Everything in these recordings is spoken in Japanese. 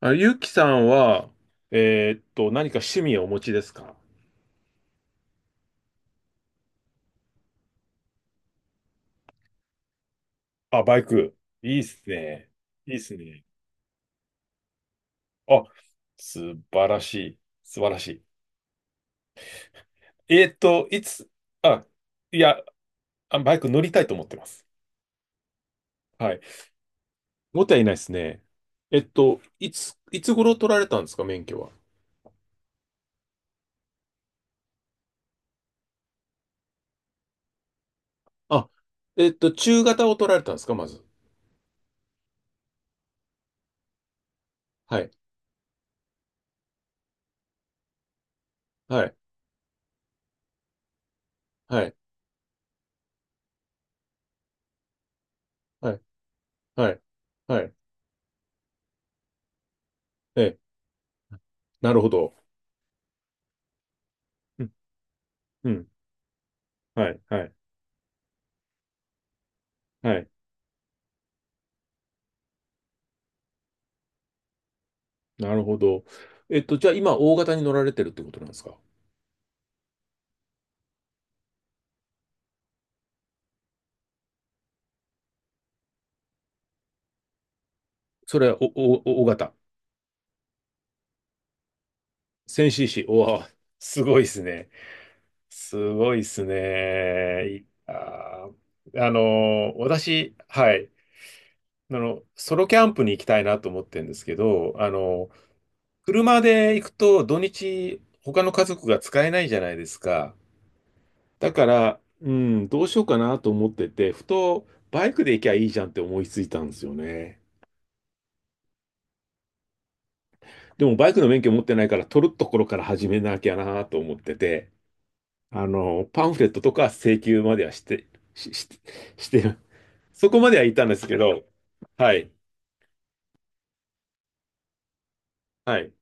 あ、ゆうきさんは、何か趣味をお持ちですか？あ、バイク。いいっすね。いいっすね。あ、素晴らしい。素晴らしい。えーっと、いつ、あ、いや、あバイク乗りたいと思ってます。はい。もったいないですね。いつ頃取られたんですか、免許は。あ、えっと、中型を取られたんですか、まず。はい。はい。はい。はい。はい。はい。ええ、なるほど。うん。うん。はい。はい。はい。なるほど。えっと、じゃあ今、大型に乗られてるってことなんですか？それは、お大型。1000cc。おわ、すごいですね。すごいですね。いあー、あの私、はい。あの、ソロキャンプに行きたいなと思ってるんですけど、あの、車で行くと土日、他の家族が使えないじゃないですか。だから、うん、どうしようかなと思ってて、ふと、バイクで行きゃいいじゃんって思いついたんですよね。でもバイクの免許持ってないから取るところから始めなきゃなと思ってて、あの、パンフレットとか請求まではして、し、し、してる、そこまではいたんですけど、はい、はい、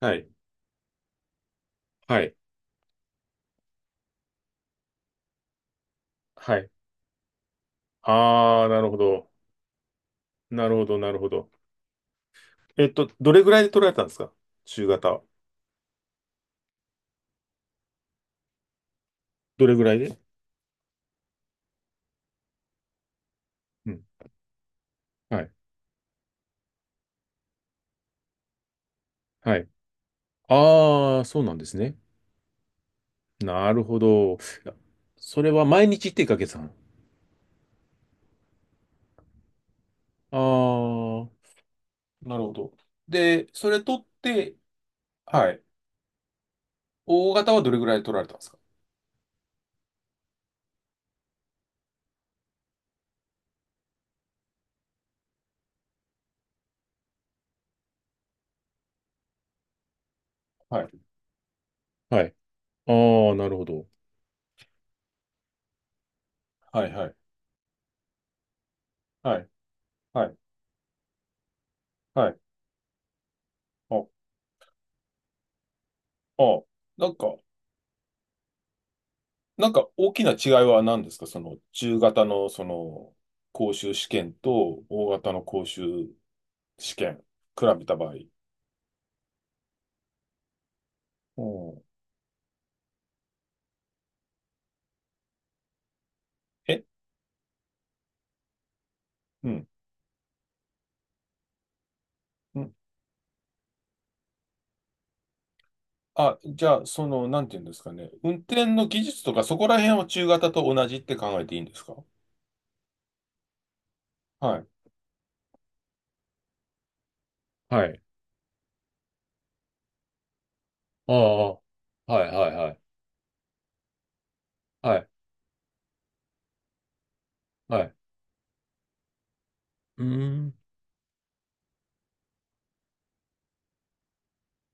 はい、はい、はい。ああ、なるほど。なるほど、なるほど。えっと、どれぐらいで取られたんですか、中型は。どれぐらいで。うん。はい、はい。ああ、そうなんですね。なるほど。いや、それは毎日ってかけさん。ああ、なるほど。で、それ取って、はい。大型はどれぐらい取られたんですか？はい。はい。ああ、なるほど。はい、はい、はい、はい、はい。あ、あ、なんか、なんか大きな違いは何ですか、その中型のその講習試験と大型の講習試験、比べた場合。うん。え、うん。うん。あ、じゃあ、その、なんていうんですかね。運転の技術とかそこら辺は中型と同じって考えていいんですか？はい。はい。ああ、はいはいはい。はい、はい。うーん、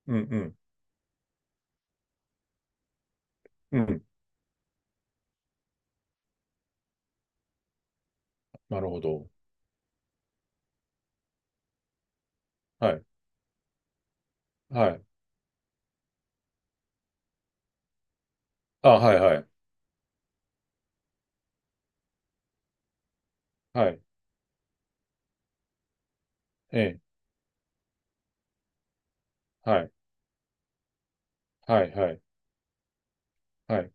うん、うん、うん。なるほど。はい、はい。あ、はいはい。はい。ええ、はい、はい、はい、はい。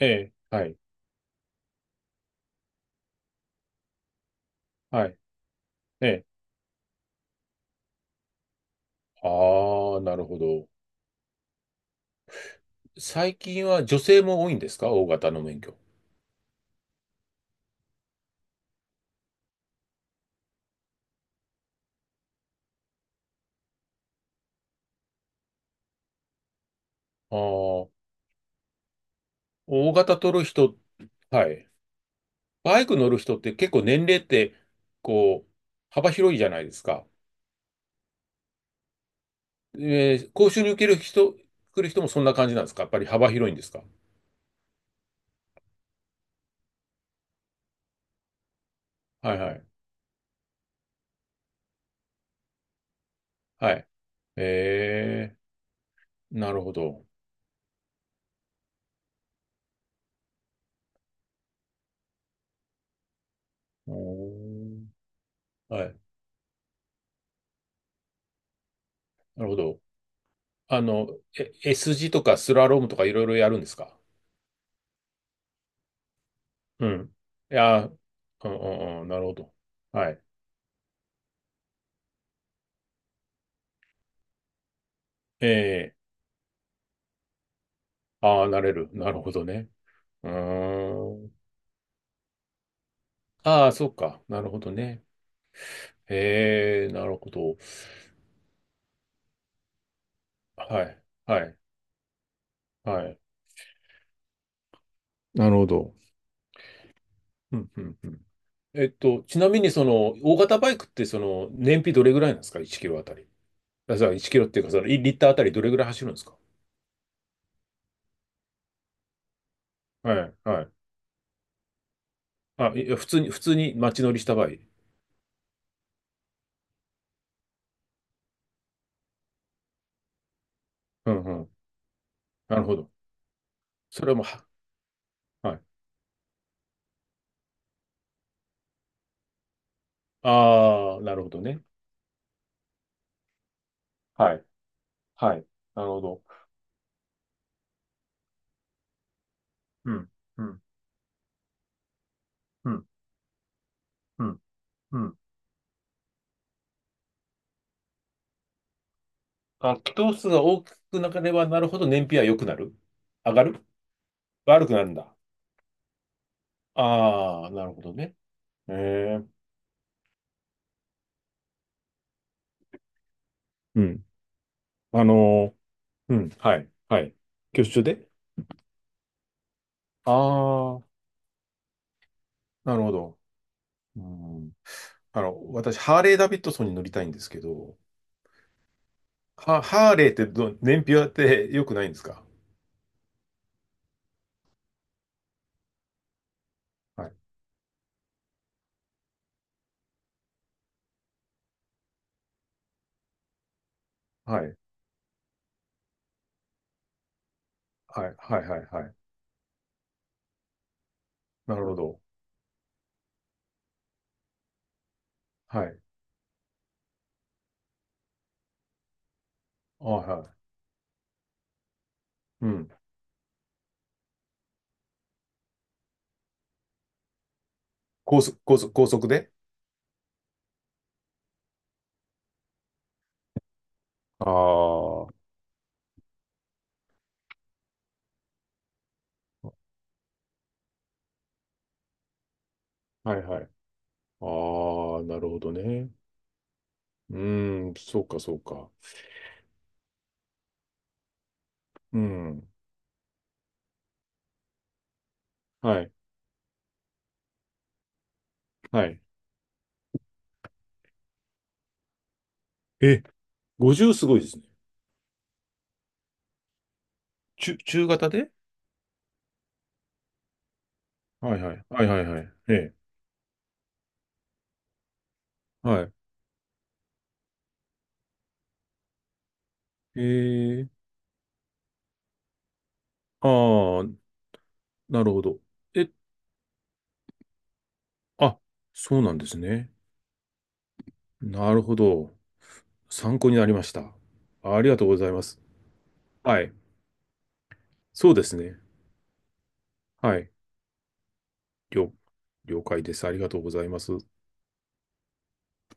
ええ、はい、はい。ええ。ああ、なるほど。最近は女性も多いんですか、大型の免許。ああ、大型取る人、はい。バイク乗る人って結構年齢って、こう、幅広いじゃないですか。えー、講習に受ける人、来る人もそんな感じなんですか、やっぱり幅広いんですか？はいはい。はい。えー、なるほど。おー、はい。なるほど。あの、え、 S 字とかスラロームとかいろいろやるんですか？うん。いやー、うんうんうん、なるほど。はい。えー、ああ、なれる。なるほどね。うーん。ああ、そうか。なるほどね。えー、なるほど。はい。はい。はい。なるほど。うんうんうん。えっと、ちなみにその、大型バイクってその、燃費どれぐらいなんですか？ 1 キロあたり。あ、そう、1キロっていうか、その、いリッターあたりどれぐらい走るんですか？はい、はい。あ、いや普通に、普通に街乗りした場合。うんうん。なるほど。それもは、はい。ああ、なるほどね。はい。はい。なるほど。うん。うん。うん。うん。うん。あ、気筒数が大きくなければなるほど燃費は良くなる、上がる、悪くなるんだ。ああ、なるほどね。ええ。うん。あのー、うん。はい。はい。挙手で、ああー、なるほど。うん、あの、私、ハーレー・ダビッドソンに乗りたいんですけど、ハーレーってど、燃費はって良くないんですか？はい。はい。はい。はい。はい。はい。なるほど。はい。あ、はい。うん。高速、高速、高速で。ああ、はいはい。ああ、なるほどね。うーん、そうか、そうか。うん。はい。はい。え、50すごいですね。中型で。はいはい。はいはいはい。ええ。はい。ええ。ああ、なるほど。え、あ、そうなんですね。なるほど。参考になりました。ありがとうございます。はい。そうですね。はい。了、了解です。ありがとうございます。